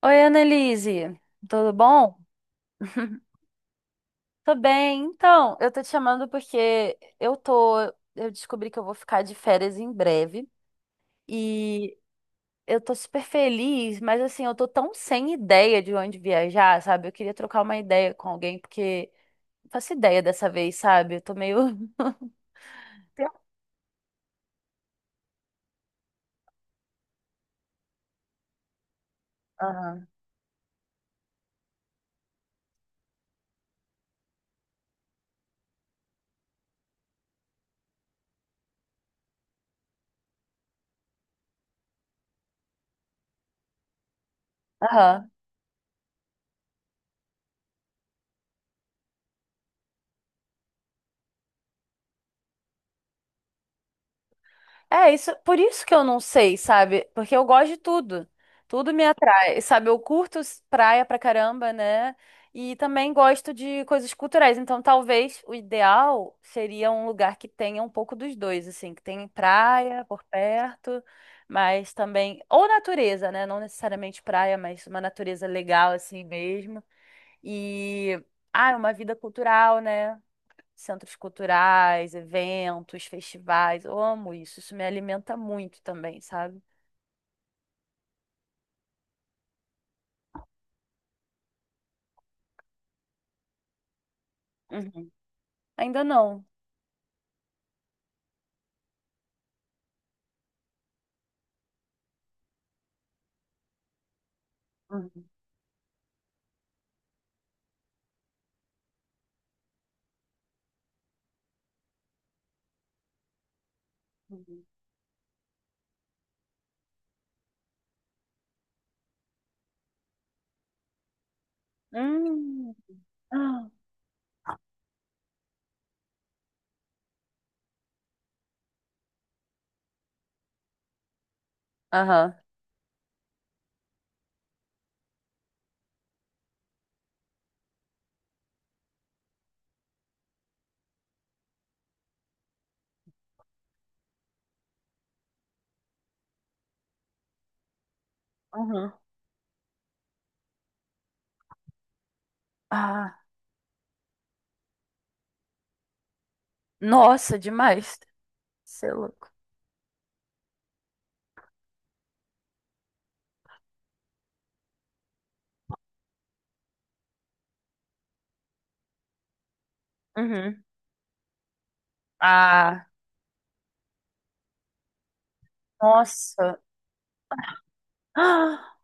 Oi, Annelise, tudo bom? Tô bem. Então, eu tô te chamando porque eu tô, eu descobri que eu vou ficar de férias em breve e eu tô super feliz, mas assim, eu tô tão sem ideia de onde viajar, sabe? Eu queria trocar uma ideia com alguém porque não faço ideia dessa vez, sabe? Eu tô meio Aham. Aham. É, isso, por isso que eu não sei, sabe? Porque eu gosto de tudo. Tudo me atrai, sabe? Eu curto praia pra caramba, né? E também gosto de coisas culturais. Então, talvez o ideal seria um lugar que tenha um pouco dos dois, assim, que tem praia por perto, mas também ou natureza, né? Não necessariamente praia, mas uma natureza legal assim mesmo. E ah, uma vida cultural, né? Centros culturais, eventos, festivais. Eu amo isso, isso me alimenta muito também, sabe? Uhum. Ainda não. Uhum. Uhum. Hum. Ah. Aham. Uhum. Ah, nossa, demais. Você é louco. Uhum. Ah, nossa. Ah,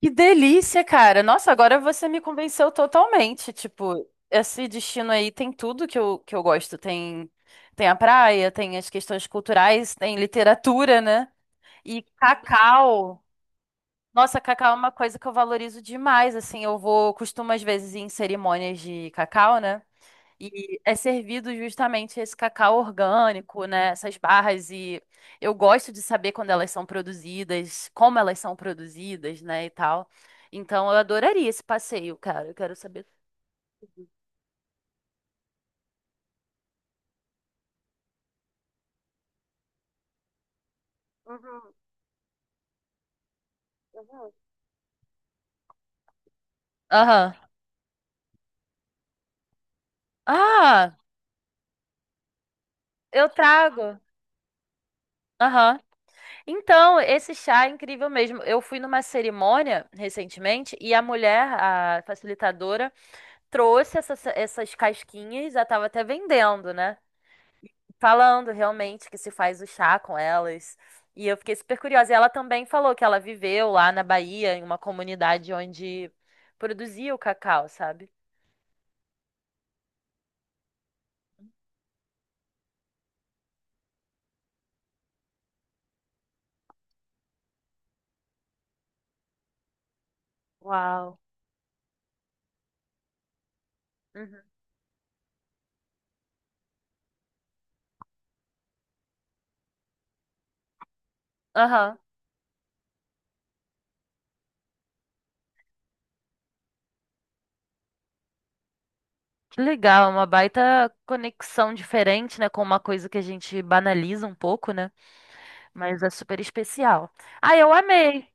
que delícia, cara. Nossa, agora você me convenceu totalmente. Tipo, esse destino aí tem tudo que eu gosto. Tem, tem a praia, tem as questões culturais, tem literatura, né? E cacau, nossa, cacau é uma coisa que eu valorizo demais, assim, eu vou, costumo às vezes ir em cerimônias de cacau, né? E é servido justamente esse cacau orgânico, né? Essas barras e eu gosto de saber quando elas são produzidas, como elas são produzidas, né, e tal. Então eu adoraria esse passeio, cara. Eu quero saber. Uhum, uhum. Aham. Ah, eu trago. Aham. Então, esse chá é incrível mesmo. Eu fui numa cerimônia recentemente e a mulher, a facilitadora, trouxe essas casquinhas, já estava até vendendo, né? Falando realmente que se faz o chá com elas. E eu fiquei super curiosa. E ela também falou que ela viveu lá na Bahia, em uma comunidade onde produzia o cacau, sabe? Uau. Uhum. Aham. Que legal, é uma baita conexão diferente, né, com uma coisa que a gente banaliza um pouco, né? Mas é super especial. Ah, eu amei.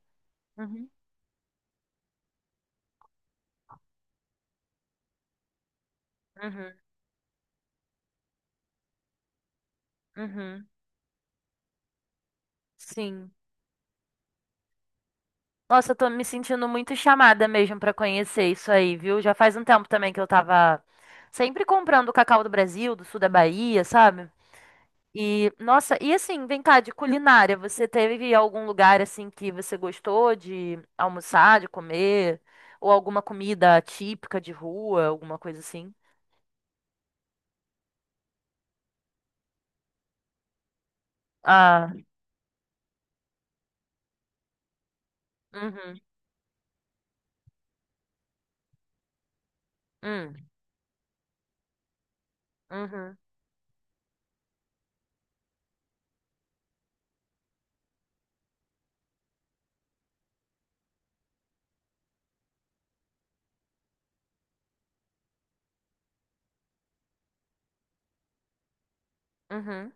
Uhum, uhum, uhum. Sim. Nossa, eu tô me sentindo muito chamada mesmo pra conhecer isso aí, viu? Já faz um tempo também que eu tava sempre comprando o cacau do Brasil, do sul da Bahia, sabe? E, nossa, e assim, vem cá, de culinária, você teve algum lugar assim que você gostou de almoçar, de comer? Ou alguma comida típica de rua, alguma coisa assim? Ah, uhum, hum, uhum, uhum.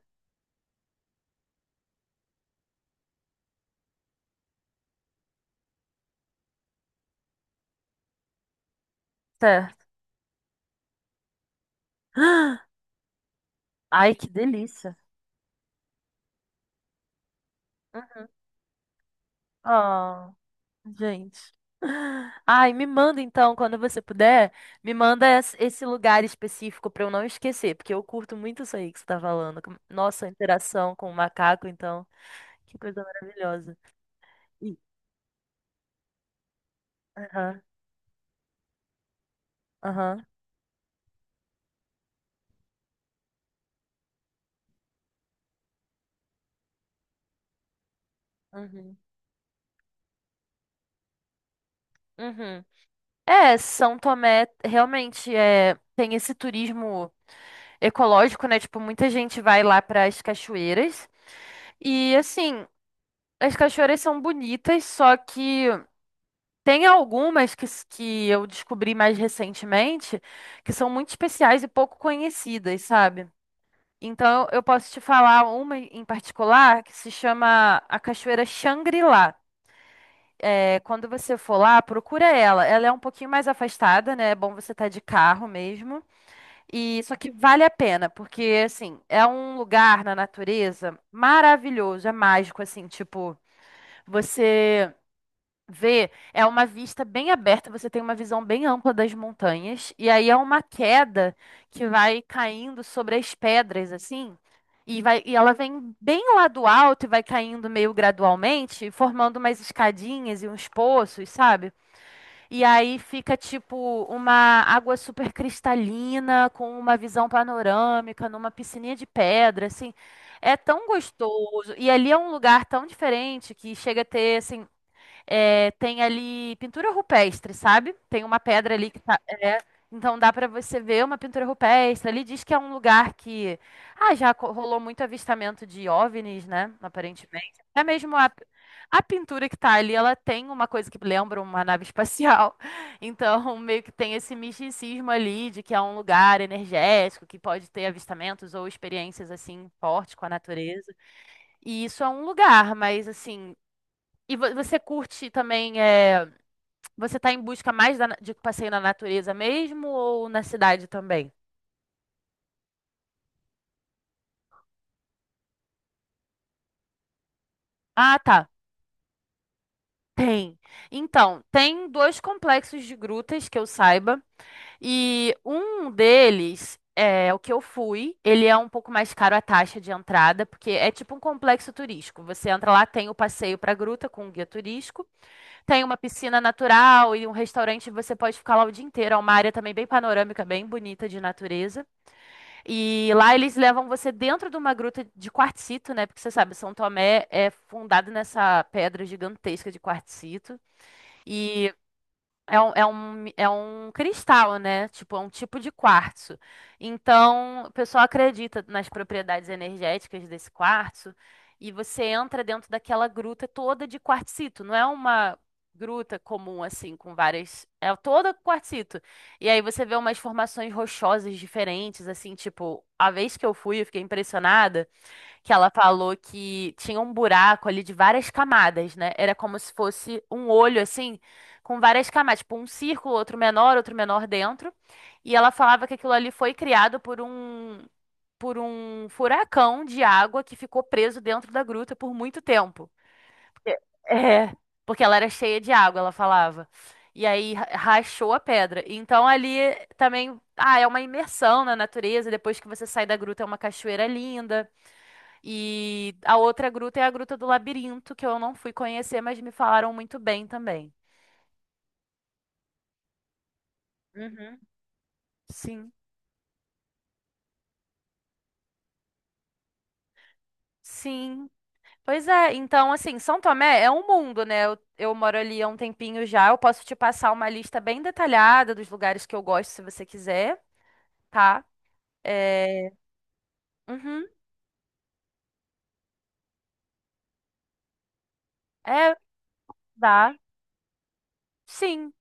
Certo. Ai, que delícia. Uhum. Ah, gente. Ai, me manda então, quando você puder, me manda esse lugar específico pra eu não esquecer, porque eu curto muito isso aí que você tá falando. Nossa, a interação com o macaco, então, que coisa maravilhosa. Ih, aham, aham, uhum, uhum. É, São Tomé realmente é, tem esse turismo ecológico, né? Tipo, muita gente vai lá para as cachoeiras e assim, as cachoeiras são bonitas, só que tem algumas que, que eu descobri mais recentemente que são muito especiais e pouco conhecidas, sabe? Então eu posso te falar uma em particular que se chama a Cachoeira Xangri-Lá. É, quando você for lá, procura ela. Ela é um pouquinho mais afastada, né? É bom você estar de carro mesmo. E só que vale a pena, porque assim, é um lugar na natureza maravilhoso, é mágico assim, tipo, você ver é uma vista bem aberta, você tem uma visão bem ampla das montanhas, e aí é uma queda que vai caindo sobre as pedras, assim, e vai, e ela vem bem lá do alto e vai caindo meio gradualmente, formando umas escadinhas e uns poços, sabe? E aí fica tipo uma água super cristalina, com uma visão panorâmica, numa piscininha de pedra, assim. É tão gostoso. E ali é um lugar tão diferente que chega a ter, assim, é, tem ali pintura rupestre, sabe? Tem uma pedra ali que tá. é, então dá para você ver uma pintura rupestre. Ali diz que é um lugar que. Ah, já rolou muito avistamento de OVNIs, né? Aparentemente. Até mesmo a pintura que tá ali, ela tem uma coisa que lembra uma nave espacial. Então, meio que tem esse misticismo ali de que é um lugar energético que pode ter avistamentos ou experiências assim fortes com a natureza. E isso é um lugar, mas assim. E você curte também, é, você tá em busca mais de passeio na natureza mesmo ou na cidade também? Ah, tá. Tem. Então, tem dois complexos de grutas que eu saiba, e um deles é o que eu fui. Ele é um pouco mais caro a taxa de entrada, porque é tipo um complexo turístico. Você entra lá, tem o passeio pra gruta com um guia turístico, tem uma piscina natural e um restaurante, você pode ficar lá o dia inteiro. É uma área também bem panorâmica, bem bonita de natureza. E lá eles levam você dentro de uma gruta de quartzito, né? Porque você sabe, São Tomé é fundado nessa pedra gigantesca de quartzito. E é um cristal, né? Tipo, é um tipo de quartzo. Então, o pessoal acredita nas propriedades energéticas desse quartzo e você entra dentro daquela gruta toda de quartzito. Não é uma gruta comum, assim, com várias. É toda quartzito. E aí você vê umas formações rochosas diferentes, assim, tipo, a vez que eu fui, eu fiquei impressionada que ela falou que tinha um buraco ali de várias camadas, né? Era como se fosse um olho assim, com várias camadas, tipo um círculo, outro menor dentro. E ela falava que aquilo ali foi criado por um furacão de água que ficou preso dentro da gruta por muito tempo. É, é, porque ela era cheia de água, ela falava. E aí rachou a pedra. Então ali também, ah, é uma imersão na natureza, depois que você sai da gruta é uma cachoeira linda. E a outra gruta é a Gruta do Labirinto, que eu não fui conhecer, mas me falaram muito bem também. Uhum. Sim, sim. Pois é, então assim, São Tomé é um mundo, né? Eu moro ali há um tempinho já. Eu posso te passar uma lista bem detalhada dos lugares que eu gosto, se você quiser, tá? É. Uhum. É, dá. Sim.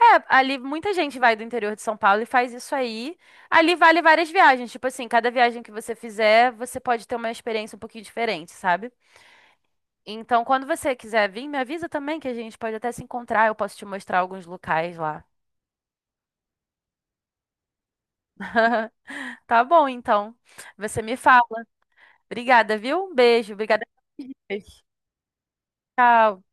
É, ali muita gente vai do interior de São Paulo e faz isso aí. Ali vale várias viagens. Tipo assim, cada viagem que você fizer, você pode ter uma experiência um pouquinho diferente, sabe? Então, quando você quiser vir, me avisa também que a gente pode até se encontrar. Eu posso te mostrar alguns locais lá. Tá bom, então. Você me fala. Obrigada, viu? Um beijo. Obrigada. Tchau.